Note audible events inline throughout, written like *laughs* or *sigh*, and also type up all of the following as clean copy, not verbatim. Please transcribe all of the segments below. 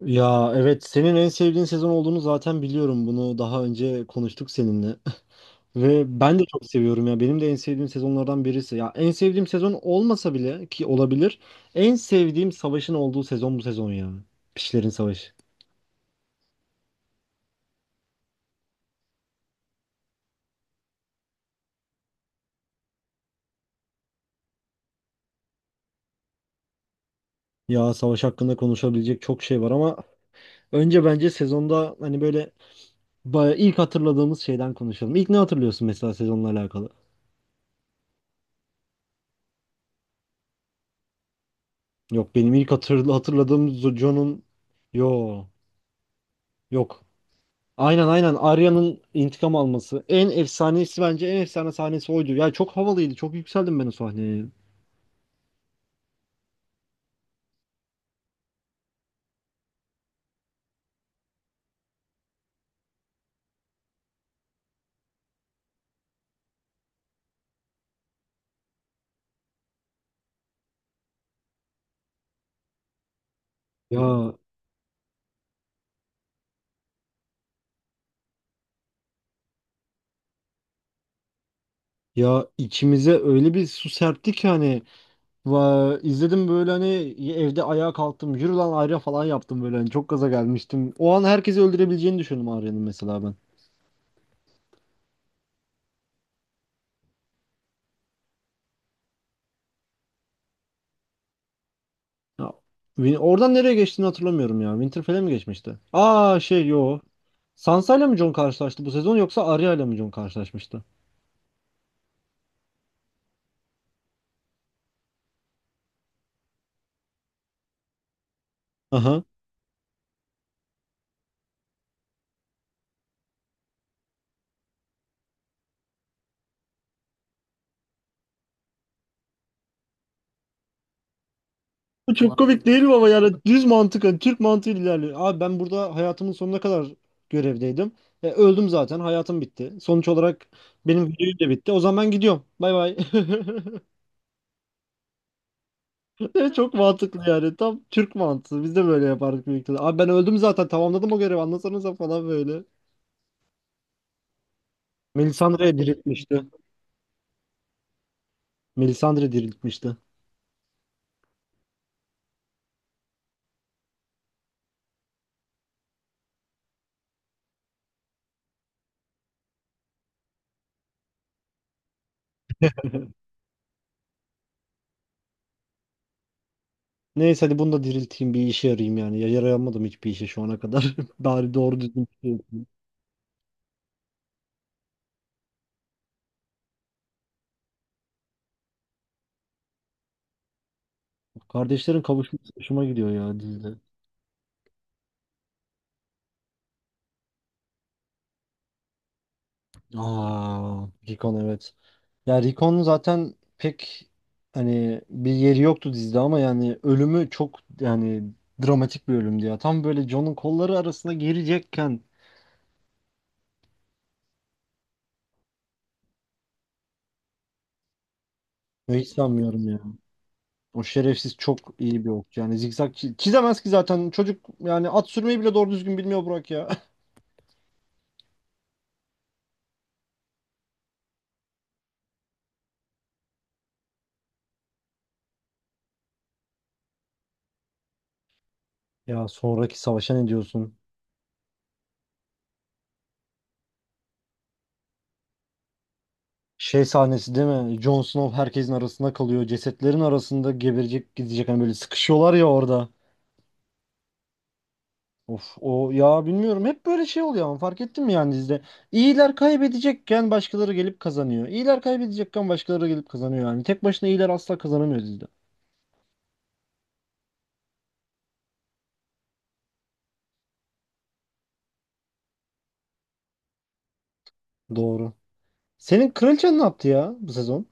Ya evet, senin en sevdiğin sezon olduğunu zaten biliyorum. Bunu daha önce konuştuk seninle. *laughs* Ve ben de çok seviyorum ya. Benim de en sevdiğim sezonlardan birisi. Ya en sevdiğim sezon olmasa bile ki olabilir. En sevdiğim savaşın olduğu sezon bu sezon ya. Pişlerin Savaşı. Ya savaş hakkında konuşabilecek çok şey var ama önce bence sezonda hani böyle ilk hatırladığımız şeyden konuşalım. İlk ne hatırlıyorsun mesela sezonla alakalı? Yok, benim ilk hatırladığım John'un. Yo, yok. Aynen, Arya'nın intikam alması. En efsanesi, bence en efsane sahnesi oydu. Ya çok havalıydı. Çok yükseldim ben o sahneye. Ya ya içimize öyle bir su serpti ki hani, va, izledim böyle, hani evde ayağa kalktım. Yürü lan Arya falan yaptım böyle. Hani çok gaza gelmiştim. O an herkesi öldürebileceğini düşündüm Arya'nın, mesela ben. Ya, oradan nereye geçtiğini hatırlamıyorum ya. Winterfell'e mi geçmişti? Aa, şey, yo. Sansa ile mi Jon karşılaştı bu sezon, yoksa Arya ile mi Jon karşılaşmıştı? Bu çok komik değil mi ama, yani düz mantık, hani Türk mantığı ilerliyor. Abi ben burada hayatımın sonuna kadar görevdeydim. Öldüm zaten, hayatım bitti. Sonuç olarak benim videoyu da bitti. O zaman ben gidiyorum. Bay bay. *laughs* E, Çok mantıklı yani. Tam Türk mantığı. Biz de böyle yapardık büyük ihtimalle. Abi ben öldüm zaten, tamamladım o görevi. Anlatsanıza falan böyle. Melisandre diriltmişti. Melisandre diriltmişti. Neyse, hadi bunu da dirilteyim, bir işe yarayayım yani. Ya yarayamadım hiçbir işe şu ana kadar. *laughs* Bari doğru düzgün bir şey yapayım. Kardeşlerin kavuşması hoşuma gidiyor ya dizide. Aa, Recon, evet. Ya Recon'un zaten pek hani bir yeri yoktu dizide ama yani ölümü çok yani dramatik bir ölümdü ya. Tam böyle John'un kolları arasına girecekken ben hiç sanmıyorum ya. O şerefsiz çok iyi bir okçu. Yani zikzak çizemez ki zaten, çocuk yani, at sürmeyi bile doğru düzgün bilmiyor Burak ya. *laughs* Ya sonraki savaşa ne diyorsun? Şey sahnesi değil mi? Jon Snow herkesin arasında kalıyor. Cesetlerin arasında geberecek, gidecek. Hani böyle sıkışıyorlar ya orada. Of, o ya bilmiyorum, hep böyle şey oluyor ama fark ettin mi yani dizide? İyiler kaybedecekken başkaları gelip kazanıyor. İyiler kaybedecekken başkaları gelip kazanıyor yani. Tek başına iyiler asla kazanamıyor dizide. Doğru. Senin kraliçen ne yaptı ya bu sezon?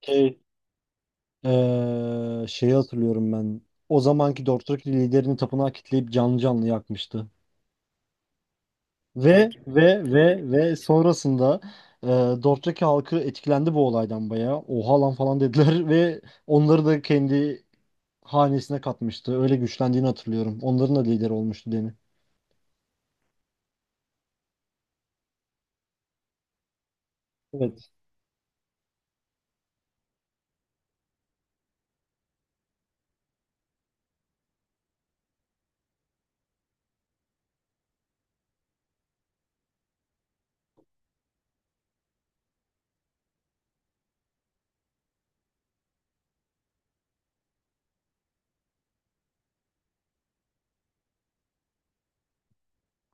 Şey, şeyi hatırlıyorum ben. O zamanki Dorthraki liderini tapınağa kitleyip canlı canlı yakmıştı. Ve sonrasında Dorthraki halkı etkilendi bu olaydan bayağı. Oha lan falan dediler *laughs* ve onları da kendi hanesine katmıştı. Öyle güçlendiğini hatırlıyorum. Onların da lideri olmuştu Deni. Evet.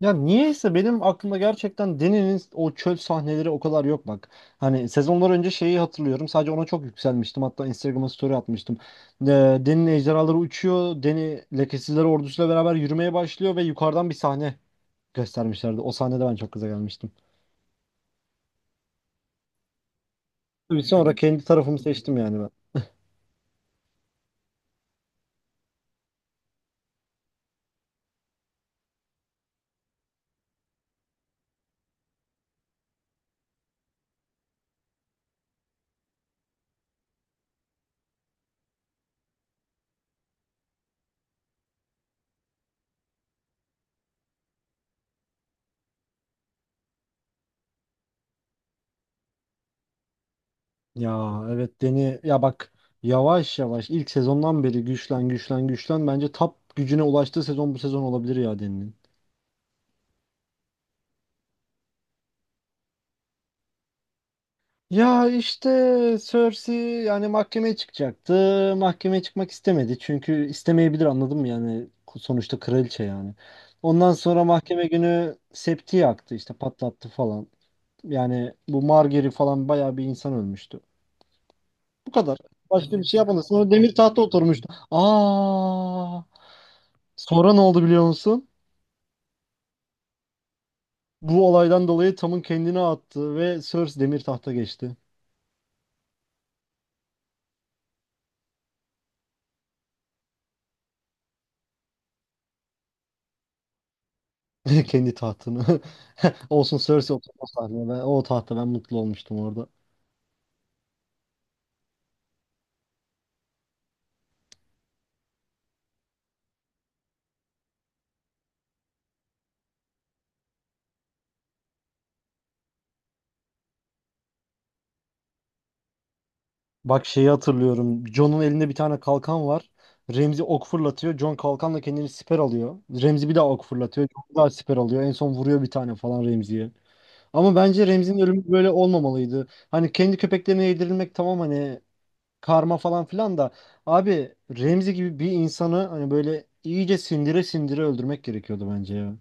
Ya niyeyse benim aklımda gerçekten Deni'nin o çöl sahneleri o kadar yok bak. Hani sezonlar önce şeyi hatırlıyorum. Sadece ona çok yükselmiştim. Hatta Instagram'a story atmıştım. Ee, Deni'nin ejderhaları uçuyor. Deni lekesizler ordusuyla beraber yürümeye başlıyor ve yukarıdan bir sahne göstermişlerdi. O sahnede ben çok gaza gelmiştim. Tabii sonra kendi tarafımı seçtim yani ben. Ya evet, Deni ya bak, yavaş yavaş ilk sezondan beri güçlen güçlen güçlen, bence top gücüne ulaştığı sezon bu sezon olabilir ya Deni'nin. Ya işte Cersei yani mahkemeye çıkacaktı. Mahkemeye çıkmak istemedi. Çünkü istemeyebilir, anladın mı yani, sonuçta kraliçe yani. Ondan sonra mahkeme günü septi yaktı, işte patlattı falan. Yani bu Margaery falan, bayağı bir insan ölmüştü. Bu kadar. Başka bir şey yapmadı. Sonra demir tahta oturmuştu. Aa! Sonra ne oldu biliyor musun? Bu olaydan dolayı Tom'un kendini attı ve Cersei demir tahta geçti. *laughs* Kendi tahtını. *laughs* Olsun, Cersei oturdu o sahne. Ben, o tahta ben mutlu olmuştum orada. Bak şeyi hatırlıyorum. Jon'un elinde bir tane kalkan var. Remzi ok fırlatıyor. Jon kalkanla kendini siper alıyor. Remzi bir daha ok fırlatıyor. Jon bir daha siper alıyor. En son vuruyor bir tane falan Remzi'ye. Ama bence Remzi'nin ölümü böyle olmamalıydı. Hani kendi köpeklerine yedirilmek tamam, hani karma falan filan da, abi Remzi gibi bir insanı hani böyle iyice sindire sindire öldürmek gerekiyordu bence ya.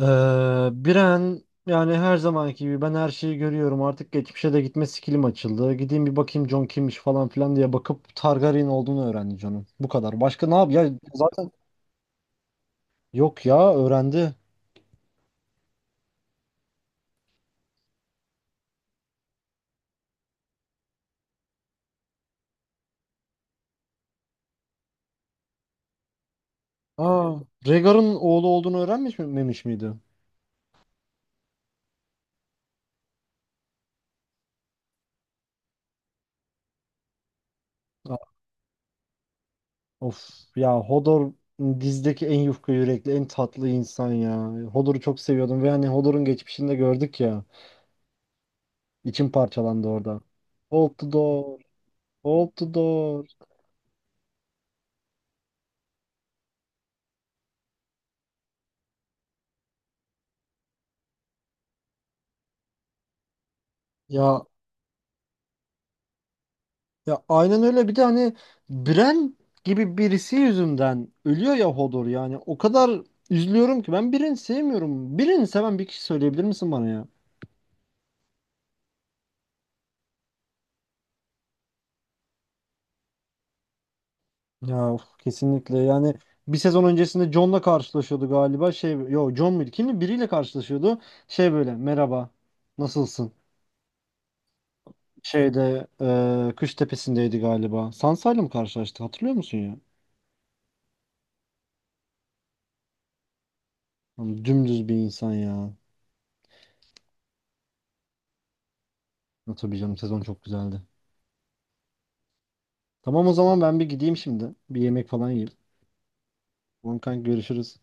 Ee, Biren yani her zamanki gibi, ben her şeyi görüyorum artık, geçmişe de gitme skillim açıldı. Gideyim bir bakayım Jon kimmiş falan filan diye bakıp Targaryen olduğunu öğrendi Jon'un. Bu kadar. Başka ne yap? Ya zaten, yok ya, öğrendi. Aa, Rhaegar'ın oğlu olduğunu öğrenmiş memiş miydi? Of ya Hodor, dizdeki en yufka yürekli, en tatlı insan ya. Hodor'u çok seviyordum ve hani Hodor'un geçmişini de gördük ya. İçim parçalandı orada. Hold the door, hold the door. Ya ya aynen, öyle bir de hani Bren gibi birisi yüzünden ölüyor ya Hodor yani. O kadar üzülüyorum ki, ben Bren'i sevmiyorum. Bren'i seven bir kişi söyleyebilir misin bana ya? Ya of, kesinlikle yani, bir sezon öncesinde John'la karşılaşıyordu galiba, şey yo, John muydu kimdi, biriyle karşılaşıyordu, şey böyle merhaba nasılsın, şeyde, Kış Tepesi'ndeydi galiba, Sansa'yla mı karşılaştı hatırlıyor musun ya? Lan dümdüz bir insan ya. Ya tabii canım, sezon çok güzeldi, tamam o zaman ben bir gideyim şimdi bir yemek falan yiyeyim, tamam kanka, görüşürüz.